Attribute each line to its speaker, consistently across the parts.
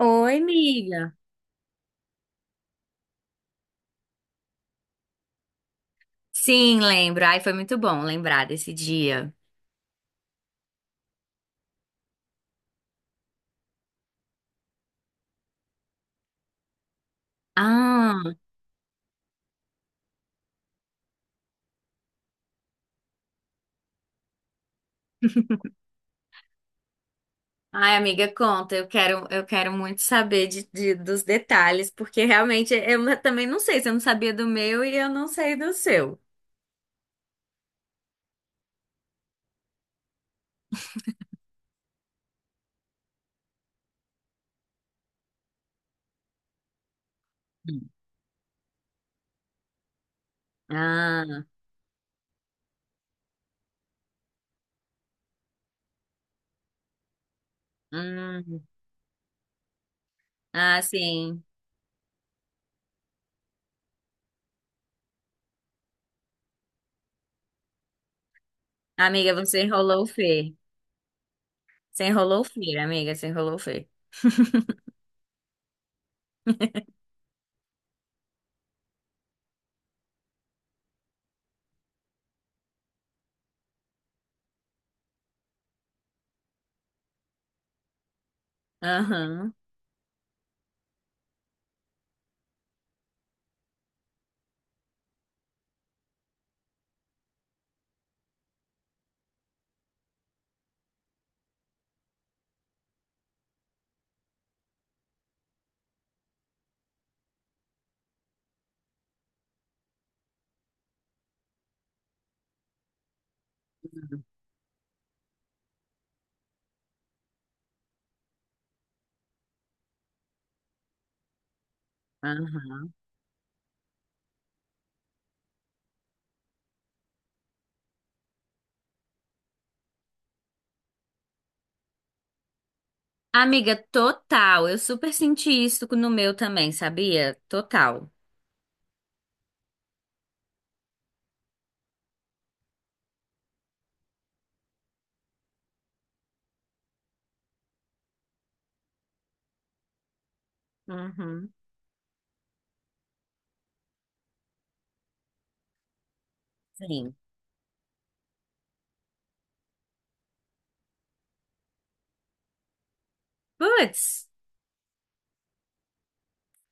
Speaker 1: Oi, amiga. Sim, lembro. Ai, foi muito bom lembrar desse dia. Ah, ai, amiga, conta. Eu quero muito saber dos detalhes, porque realmente também não sei. Se eu não sabia do meu e eu não sei do seu. Hum. Ah, hum. Ah, sim. Amiga, você enrolou o Fê. Você enrolou o Fê, amiga, você enrolou o Fê. Aham, aham. Amiga, total. Eu super senti isso no meu também, sabia? Total. Uhum. Sim. Putz.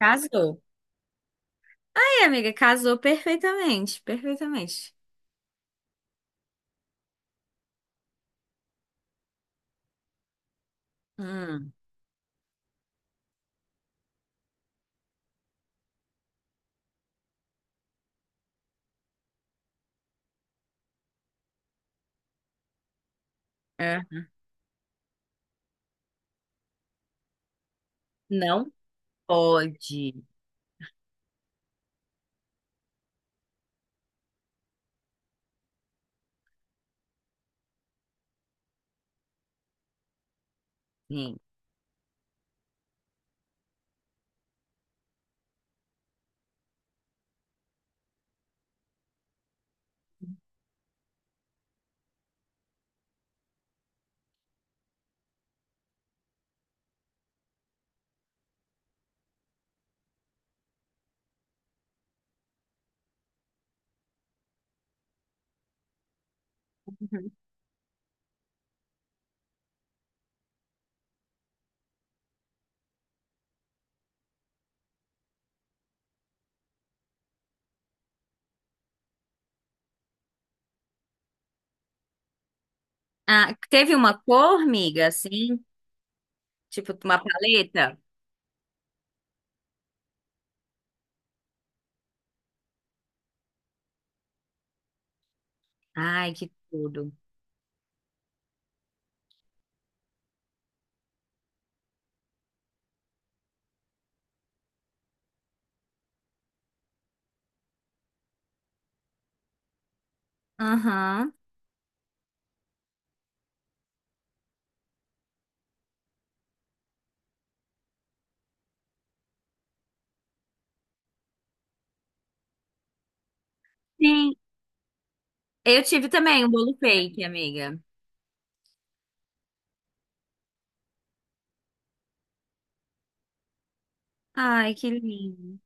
Speaker 1: Casou. Aí, amiga, casou perfeitamente, perfeitamente. Hum, é. Não pode. Sim. Uhum. Ah, teve uma cor, amiga, assim, tipo uma paleta? Ai, que tudo. Aham. Sim. Eu tive também um bolo fake, amiga. Ai, que lindo.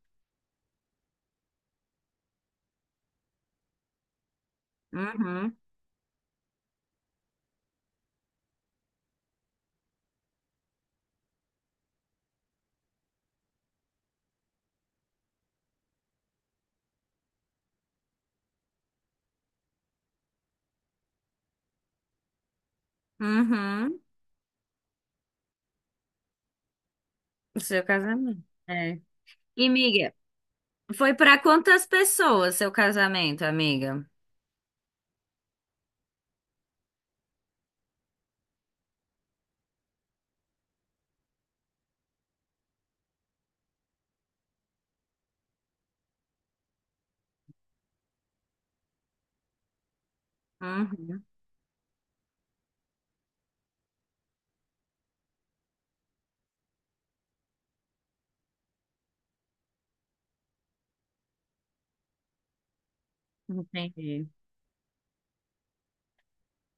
Speaker 1: Uhum. Uhum. O seu casamento. É. E, amiga, foi pra quantas pessoas seu casamento, amiga? Uhum. Entendi.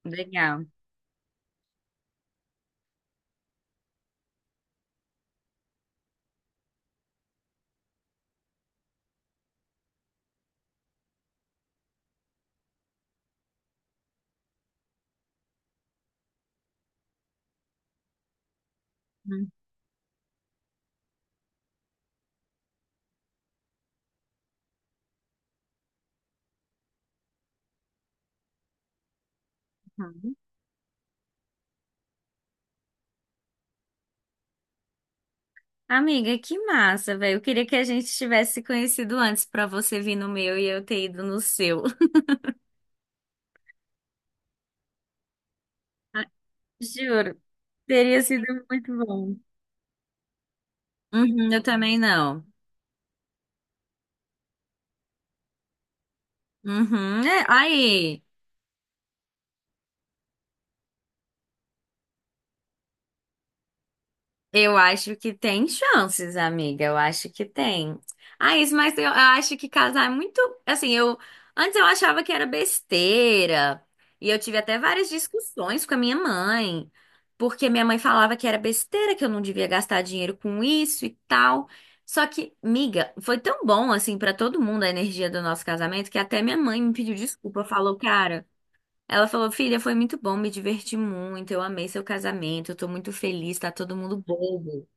Speaker 1: Legal. Uhum. Amiga, que massa, velho. Eu queria que a gente tivesse se conhecido antes pra você vir no meu e eu ter ido no seu. Ah, juro, teria sido muito bom. Uhum, eu também não. Uhum. É, aí. Eu acho que tem chances, amiga. Eu acho que tem. Ah, isso, mas eu acho que casar é muito. Assim, eu. Antes eu achava que era besteira. E eu tive até várias discussões com a minha mãe. Porque minha mãe falava que era besteira, que eu não devia gastar dinheiro com isso e tal. Só que, miga, foi tão bom, assim, pra todo mundo a energia do nosso casamento que até minha mãe me pediu desculpa. Falou, cara. Ela falou, filha, foi muito bom, me diverti muito, eu amei seu casamento, eu tô muito feliz, tá todo mundo bobo.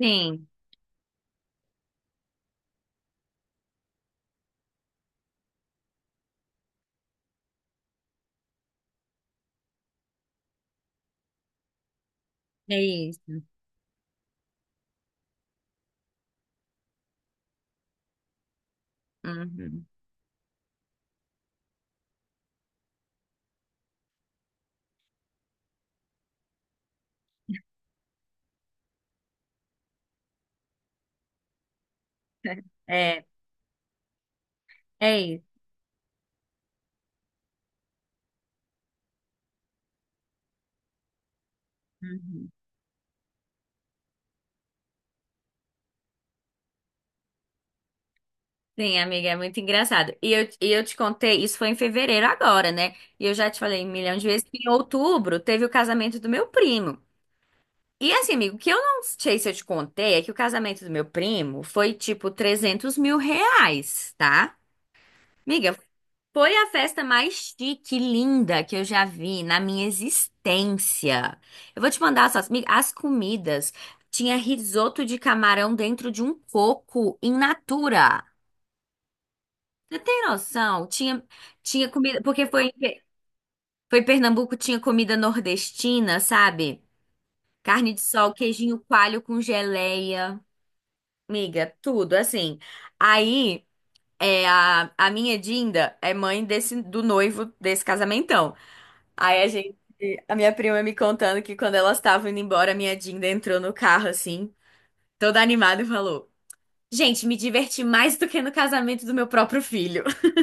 Speaker 1: Sim, é isso. Uhum. É, é isso. Uhum. Sim, amiga, é muito engraçado. E eu te contei, isso foi em fevereiro agora, né? E eu já te falei um milhão de vezes que em outubro teve o casamento do meu primo. E assim, amigo, o que eu não sei se eu te contei é que o casamento do meu primo foi tipo 300 mil reais, tá? Amiga, foi a festa mais chique, linda que eu já vi na minha existência. Eu vou te mandar as fotos. As comidas. Tinha risoto de camarão dentro de um coco in natura. Você tem noção? Tinha comida, porque foi em Pernambuco, tinha comida nordestina, sabe? Carne de sol, queijinho coalho com geleia. Miga, tudo assim. Aí, é, a minha Dinda é mãe desse, do noivo desse casamentão. Aí a minha prima me contando que quando elas estavam indo embora, a minha Dinda entrou no carro assim, toda animada e falou: "Gente, me diverti mais do que no casamento do meu próprio filho".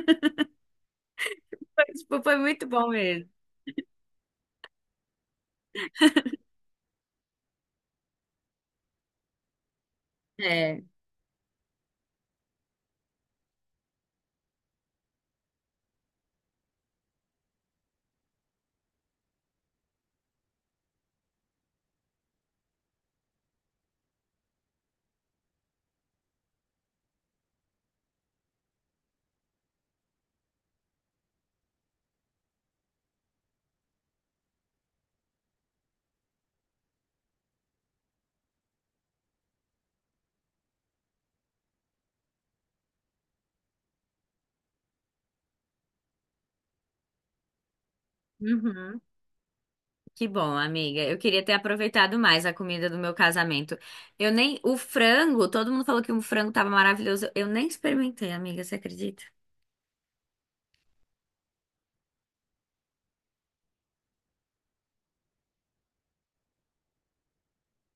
Speaker 1: Foi, tipo, foi muito bom mesmo. É. Uhum. Que bom, amiga. Eu queria ter aproveitado mais a comida do meu casamento. Eu nem. O frango, todo mundo falou que o frango tava maravilhoso. Eu nem experimentei, amiga, você acredita?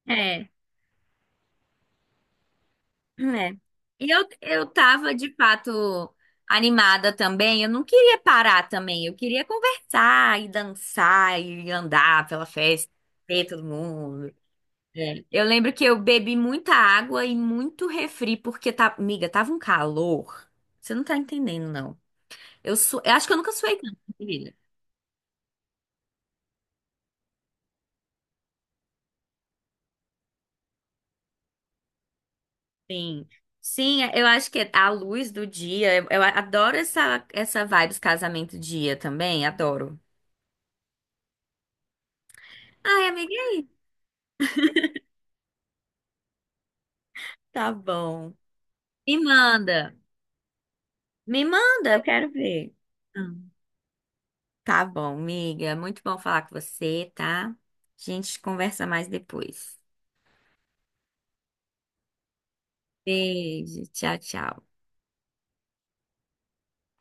Speaker 1: É. É. E eu tava de fato animada também. Eu não queria parar também. Eu queria conversar e dançar e andar pela festa, ver todo mundo. É. Eu lembro que eu bebi muita água e muito refri, porque, tá, amiga, tava um calor. Você não tá entendendo, não. Eu acho que eu nunca suei tanto, amiga. Sim. Sim, eu acho que a luz do dia. Eu adoro essa vibe dos casamento dia também, adoro. Ai, amiga, é. Tá bom. Me manda. Me manda, eu quero ver. Hum. Tá bom, amiga. Muito bom falar com você, tá? A gente conversa mais depois. Beijo. Tchau, tchau.